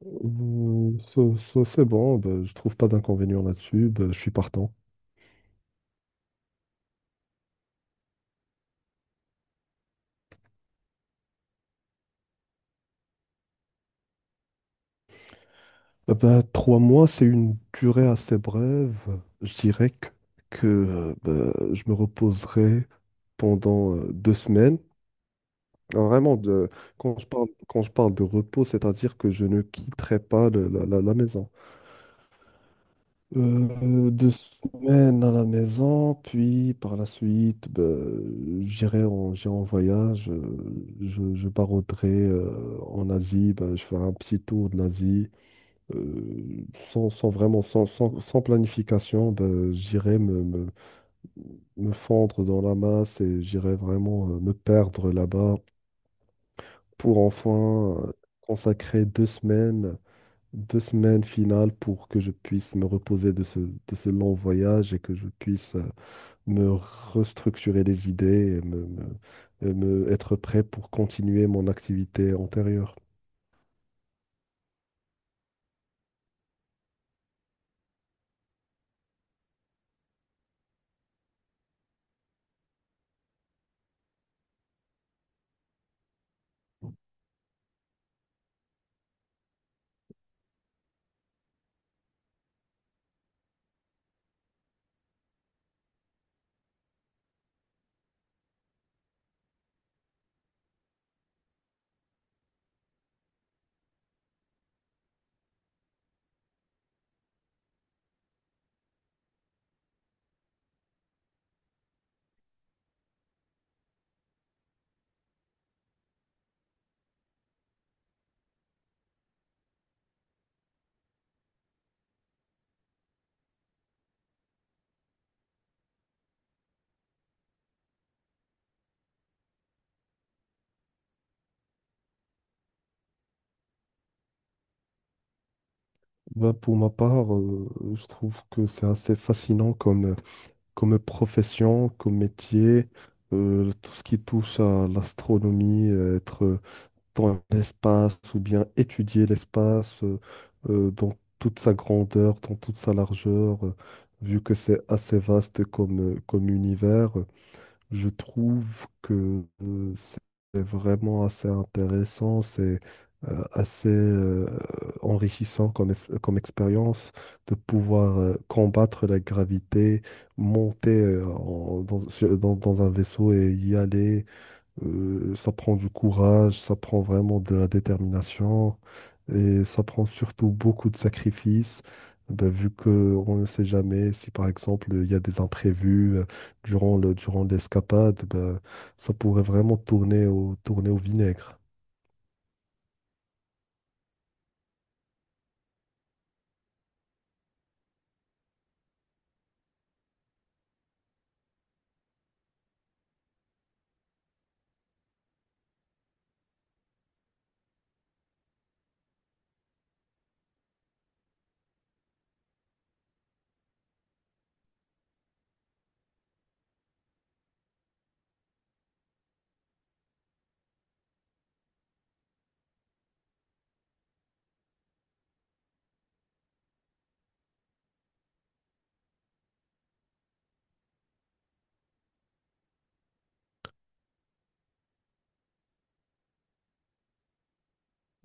Ouh, ça, c'est bon, ben, je trouve pas d'inconvénient là-dessus, ben, je suis partant. Ben, 3 mois, c'est une durée assez brève. Je dirais que, ben, je me reposerai pendant 2 semaines. Alors, vraiment, quand je parle de repos, c'est-à-dire que je ne quitterai pas la maison. Deux semaines à la maison, puis par la suite, ben, j'irai en voyage. Je barouderai en Asie, ben, je ferai un petit tour de l'Asie. Euh, sans, sans vraiment, sans, sans, sans planification, ben, j'irai me fondre dans la masse et j'irai vraiment me perdre là-bas pour enfin consacrer deux semaines finales pour que je puisse me reposer de ce long voyage et que je puisse me restructurer les idées et me être prêt pour continuer mon activité antérieure. Ben, pour ma part, je trouve que c'est assez fascinant comme profession, comme métier, tout ce qui touche à l'astronomie, être dans l'espace ou bien étudier l'espace dans toute sa grandeur, dans toute sa largeur, vu que c'est assez vaste comme univers, je trouve que euh, c'est vraiment assez intéressant, c'est assez enrichissant comme expérience de pouvoir combattre la gravité, monter en- dans, sur- dans dans un vaisseau et y aller. Ça prend du courage, ça prend vraiment de la détermination et ça prend surtout beaucoup de sacrifices. Ben, vu qu'on ne sait jamais si par exemple il y a des imprévus durant l'escapade, ben, ça pourrait vraiment tourner au vinaigre.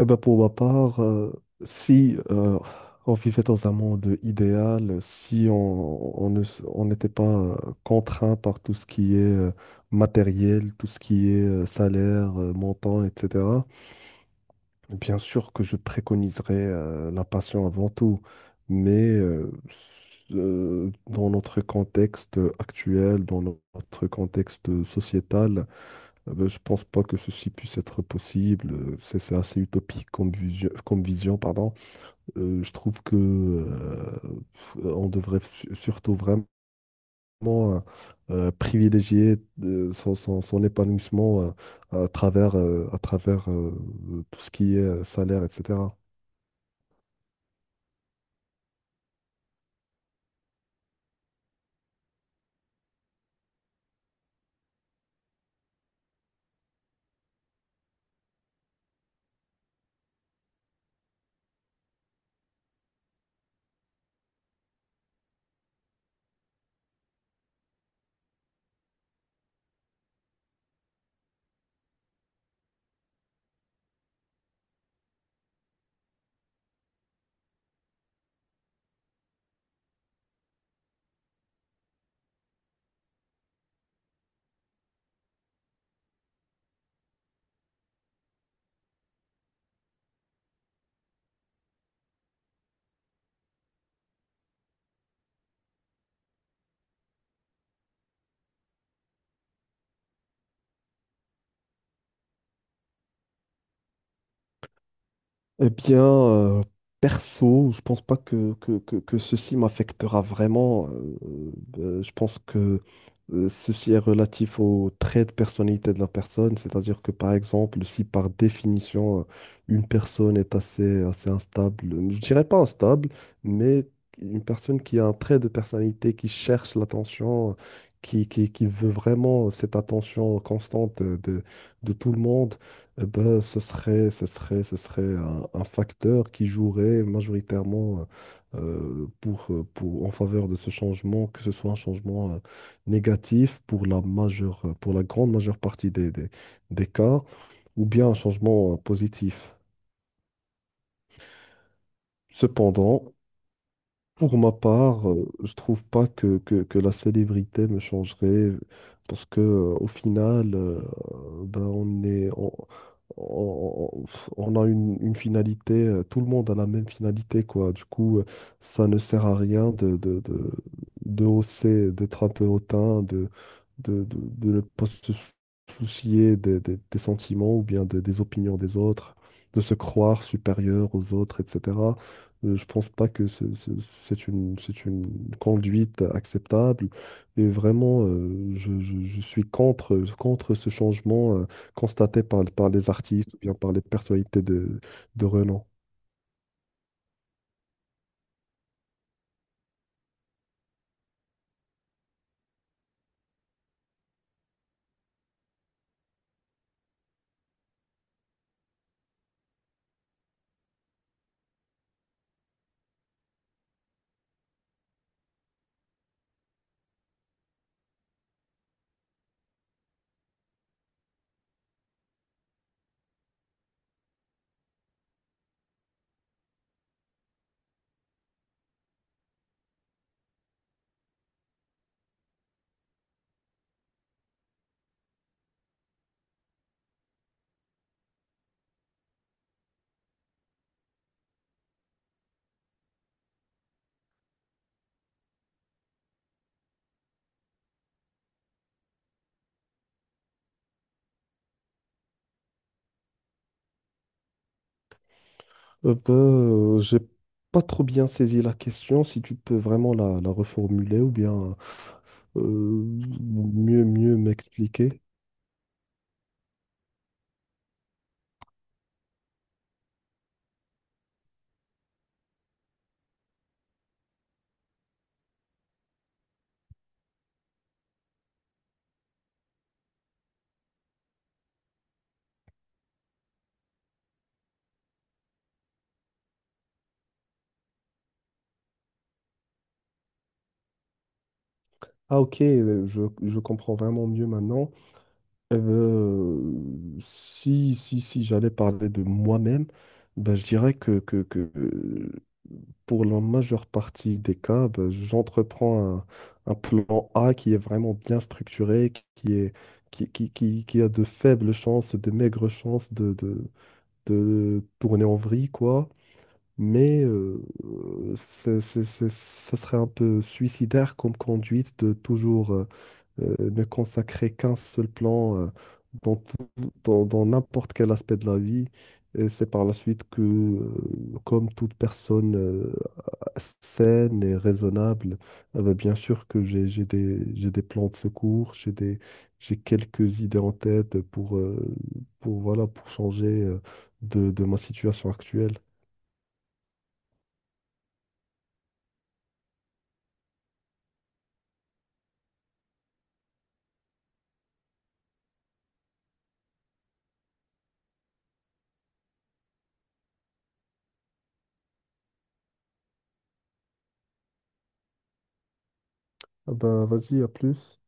Eh ben, pour ma part, si on vivait dans un monde idéal, si on, on ne, s- on n'était pas contraint par tout ce qui est matériel, tout ce qui est salaire, montant, etc., bien sûr que je préconiserais la passion avant tout. Mais dans notre contexte actuel, dans notre contexte sociétal, ben, je pense pas que ceci puisse être possible. C'est assez utopique comme vision, pardon. Je trouve que on devrait surtout vraiment euh, privilégier son épanouissement à travers tout ce qui est salaire, etc. Eh bien, perso, je pense pas que ceci m'affectera vraiment. Je pense que ceci est relatif au trait de personnalité de la personne. C'est-à-dire que, par exemple, si par définition, une personne est assez instable, je dirais pas instable, mais une personne qui a un trait de personnalité, qui cherche l'attention, qui veut vraiment cette attention constante de tout le monde. Eh ben, ce serait un facteur qui jouerait majoritairement pour, en faveur de ce changement, que ce soit un changement négatif pour la majeure, pour la grande majeure partie des cas, ou bien un changement positif. Cependant, pour ma part, je trouve pas que la célébrité me changerait parce que au final, ben on est, on- on- on a une finalité, tout le monde a la même finalité quoi. Du coup, ça ne sert à rien de hausser, d'être un peu hautain, de ne pas se soucier des sentiments ou bien des opinions des autres, de se croire supérieur aux autres, etc. Je pense pas que c'est une conduite acceptable. Et vraiment, je suis contre ce changement constaté par les artistes ou bien par les personnalités de renom. Bah, j'ai pas trop bien saisi la question. Si tu peux vraiment la reformuler ou bien euh, mieux m'expliquer. Ah ok, je comprends vraiment mieux maintenant. Eh ben, si j'allais parler de moi-même, ben, je dirais que, pour la majeure partie des cas, ben, j'entreprends un plan A qui est vraiment bien structuré, qui est, qui a de faibles chances, de maigres chances de tourner en vrille, quoi. Mais ça serait un peu suicidaire comme conduite de toujours, ne consacrer qu'un seul plan dans dans n'importe quel aspect de la vie. Et c'est par la suite que, comme toute personne saine et raisonnable, bah, bien sûr que j'ai des plans de secours, j'ai quelques idées en tête pour, voilà, pour changer de ma situation actuelle. Ah bah, vas-y, à plus.